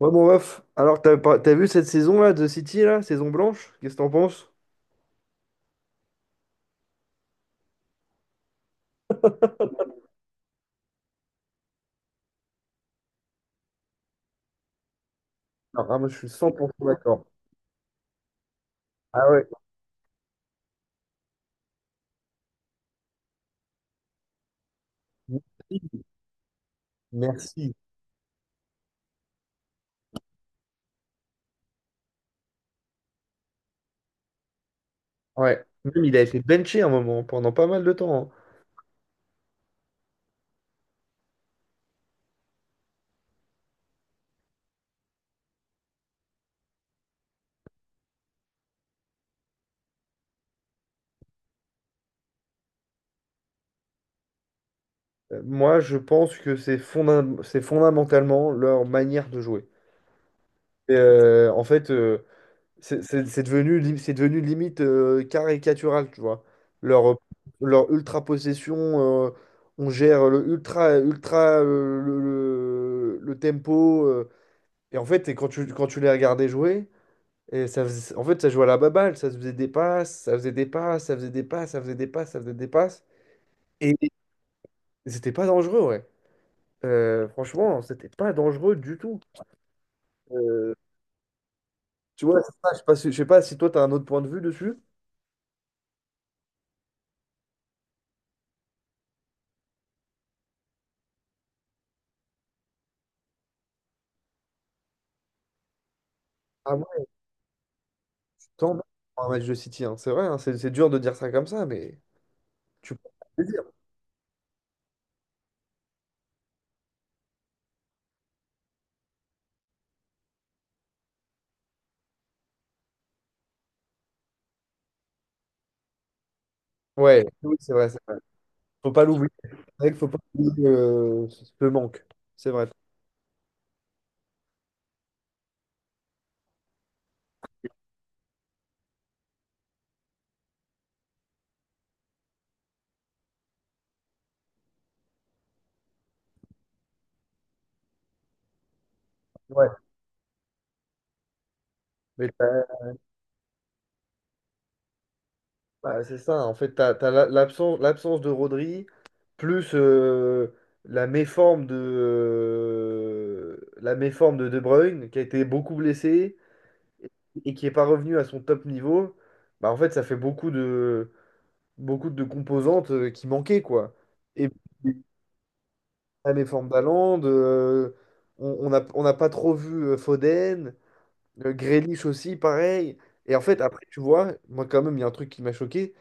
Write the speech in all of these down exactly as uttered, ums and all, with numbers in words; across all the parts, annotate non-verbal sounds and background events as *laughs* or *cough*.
Ouais, bon, bref. Alors, t'as pas- t'as vu cette saison-là de City, là, saison blanche? Qu'est-ce que t'en penses? Alors, ah, moi, je suis cent pour cent d'accord. Ah ouais, merci. Merci. Ouais. Même, il a été benché un moment, pendant pas mal de temps, hein. Euh, Moi, je pense que c'est fonda- c'est fondamentalement leur manière de jouer. Et, euh, en fait, euh, c'est c'est- c'est devenu, li- c'est devenu limite euh, caricatural, tu vois. Leur, leur ultra-possession, euh, on gère le ultra, ultra, euh, le, le- le tempo. euh, Et en fait, et quand tu, quand tu les regardais jouer, et ça faisait- en fait, ça jouait à la baballe, ça se faisait des passes, ça faisait des passes, ça faisait des passes, ça faisait des passes, ça faisait des passes. Et c'était pas dangereux, ouais. Euh, franchement, c'était pas dangereux du tout. Euh, Tu vois, c'est ça, je sais pas si, je sais pas si toi, tu as un autre point de vue dessus. Ah ouais, tant mieux pour un match de City, hein. C'est vrai, hein, c'est c'est dur de dire ça comme ça, mais tu peux le dire. Ouais, oui, c'est vrai, c'est vrai. Faut pas l'oublier. C'est vrai qu'il faut pas oublier euh, ce manque. C'est vrai. Ouais. Mais t'as- Bah, c'est ça, en fait, t'as, t'as la- l'absence, l'absence de Rodri, plus euh, la méforme de, euh, la méforme de De Bruyne, qui a été beaucoup blessé et qui n'est pas revenu à son top niveau, bah, en fait, ça fait beaucoup de, beaucoup de composantes euh, qui manquaient, quoi. Et puis, la méforme d'Haaland, euh, on on n'a on n'a pas trop vu euh, Foden, euh, Grealish aussi, pareil. Et en fait, après, tu vois, moi, quand même, il y a un truc qui m'a choqué,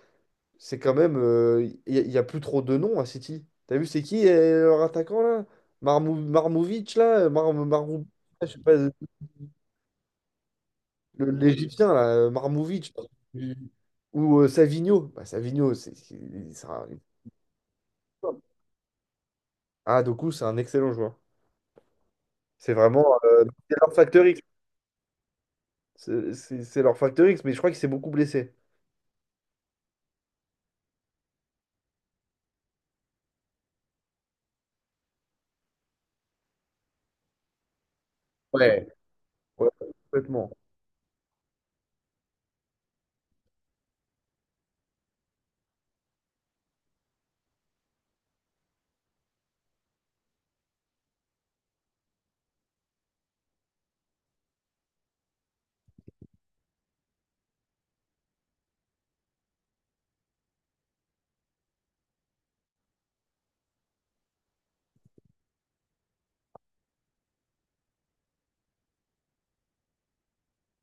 c'est quand même. Euh, Il n'y a, y a plus trop de noms à City. T'as vu, c'est qui euh, leur attaquant là? Marmou Marmovic là? euh, Mar Marmou- je sais pas, euh, le- l'Égyptien là, euh, Marmovic. Ou euh, Savigno. Bah, Savigno, c'est c'est- c'est un. Ah, Doku, c'est un excellent joueur. C'est vraiment. Euh, c'est leur facteur X. C'est c'est- c'est leur facteur X, mais je crois qu'il s'est beaucoup blessé. Ouais, Ouais, complètement.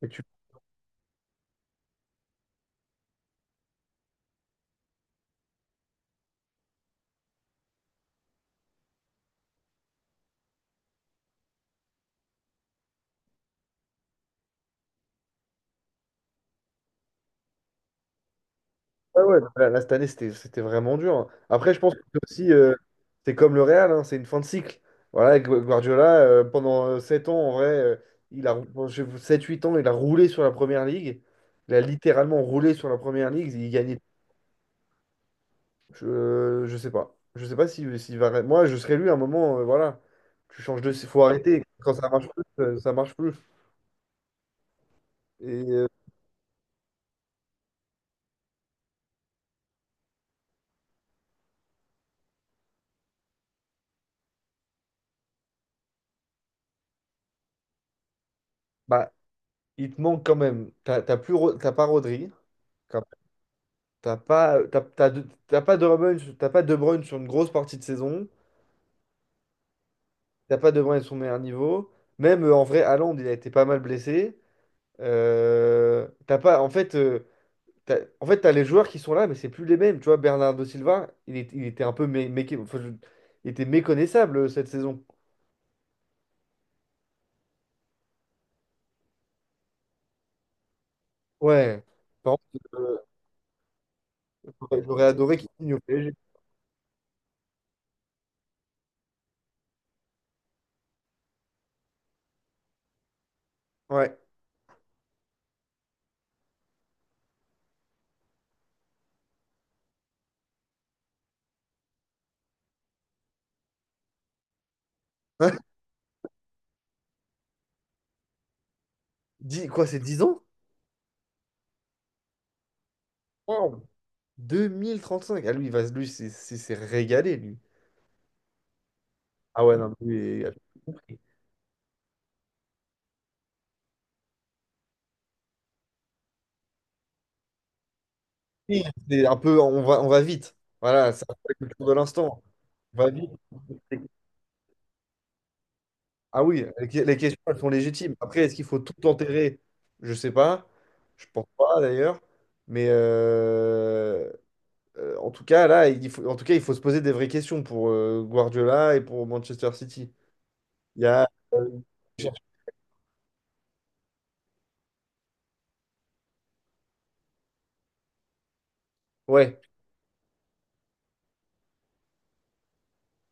Et tu Ouais, ouais, là, là, cette année, c'était, c'était vraiment dur, hein. Après, je pense que c'est aussi, euh, c'est comme le Real, hein, c'est une fin de cycle. Voilà, Gu- Guardiola, euh, pendant euh, sept ans, en vrai, euh, il a, sept huit ans, il a roulé sur la première ligue. Il a littéralement roulé sur la première ligue. Il gagnait. Je, je sais pas. Je sais pas si, s'il va. Moi, je serais lui à un moment, euh, voilà. Tu changes de. Faut arrêter. Quand ça marche plus, euh, ça marche plus. Et euh, bah, il te manque quand même. T'as t'as plus, Ro- t'as pas Rodri. T'as pas, t'as, t'as de- t'as pas De Bruyne, sur- t'as pas De Bruyne sur une grosse partie de saison. T'as pas De Bruyne à son meilleur niveau. Même euh, en vrai, Haaland, il a été pas mal blessé. Euh, t'as pas, en fait, euh, t'as, en fait, t'as les joueurs qui sont là, mais c'est plus les mêmes. Tu vois, Bernardo Silva, il, est- il était un peu mé- mé- enfin, je- il était méconnaissable euh, cette saison. Ouais. Par contre, euh, j'aurais j'aurais adoré qu'il signe au P S G. Ouais. *laughs* Dix- quoi, c'est dix ans? Wow. deux mille trente-cinq. Ah, lui, il va, lui, c'est c'est- c'est régalé, lui. Ah ouais, non, lui, il a Oui, c'est un peu, on va, on va vite. Voilà, c'est un peu la culture de l'instant. On va vite. Ah oui, les que- les questions, elles sont légitimes. Après, est-ce qu'il faut tout enterrer? Je sais pas. Je pense pas d'ailleurs. Mais euh, euh, en tout cas, là, il faut, en tout cas, il faut se poser des vraies questions pour euh, Guardiola et pour Manchester City. Il y a, euh, ouais.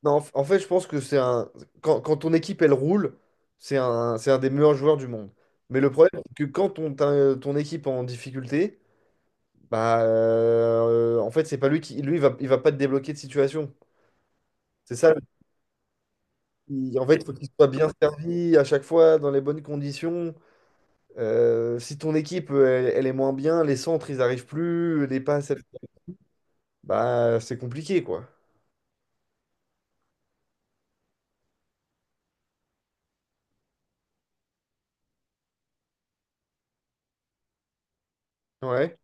Non, en f- en fait, je pense que c'est un. Quand, quand ton équipe, elle roule, c'est un, c'est un des meilleurs joueurs du monde. Mais le problème, c'est que quand ton, ta- ton équipe est en difficulté, bah, euh, en fait, c'est pas lui qui. Lui, il va, il va pas te débloquer de situation. C'est ça. Le- il- En fait, il faut qu'il soit bien servi à chaque fois, dans les bonnes conditions. Euh, si ton équipe, euh, elle, elle est moins bien, les centres, ils arrivent plus, les passes, elles- bah, c'est compliqué, quoi. Ouais.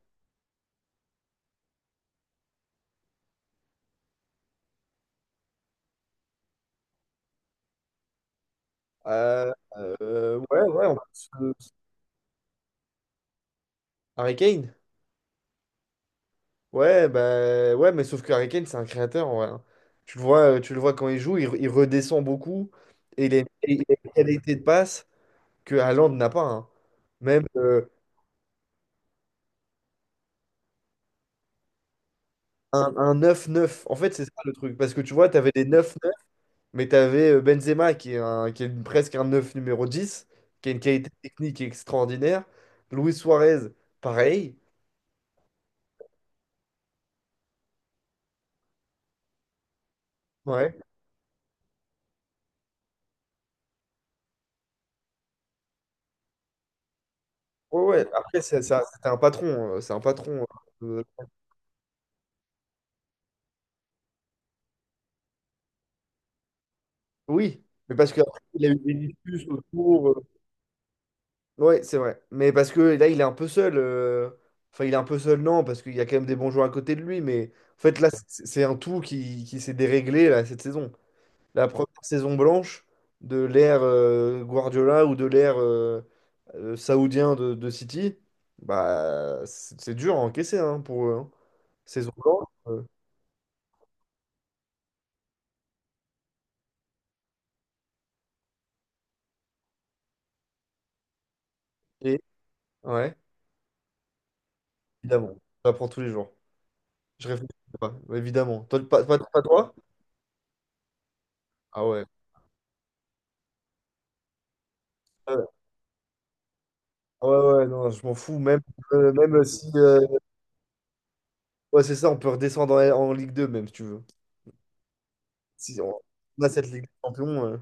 Euh, euh, ouais, ouais. en plus, euh, Harry Kane. Ouais, bah, ouais, mais sauf que Harry Kane, c'est un créateur, en vrai, hein. Tu le vois, euh, tu le vois quand il joue, il, il redescend beaucoup et il a, et il a une qualité de passe que Haaland n'a pas, hein. Même euh, un, un neuf neuf en fait, c'est ça le truc. Parce que tu vois, tu avais des neuf neuf mais tu avais Benzema qui est, un- qui est une- presque un neuf numéro dix qui a une qualité technique extraordinaire. Luis Suarez, pareil. Ouais. Ouais, ouais. Après, c'est ça, c'était un patron. euh, C'est un patron. euh, oui. Mais parce qu'après, il a eu des discussions autour. euh, Ouais, c'est vrai. Mais parce que là, il est un peu seul. euh, Enfin, il est un peu seul, non, parce qu'il y a quand même des bons joueurs à côté de lui. Mais en fait, là, c'est c'est un tout qui, qui s'est déréglé là, cette saison. La première saison blanche de l'ère euh, Guardiola ou de l'ère euh, euh, saoudien de, de City, bah, c'est c'est dur à encaisser hein, pour eux, hein. Saison blanche. euh, et, ouais, évidemment. J'apprends tous les jours. Je réfléchis pas, évidemment. Toi, pas, pas- pas toi? Ah ouais. Ouais, ouais, non, je m'en fous. Même, euh, même si. Euh, ouais, c'est ça, on peut redescendre en, en Ligue deux, même si tu veux. Si on on a cette Ligue des Champions. euh,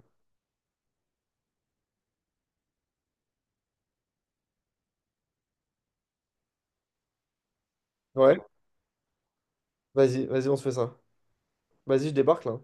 Ouais, vas-y, vas-y, on se fait ça. Vas-y, je débarque là.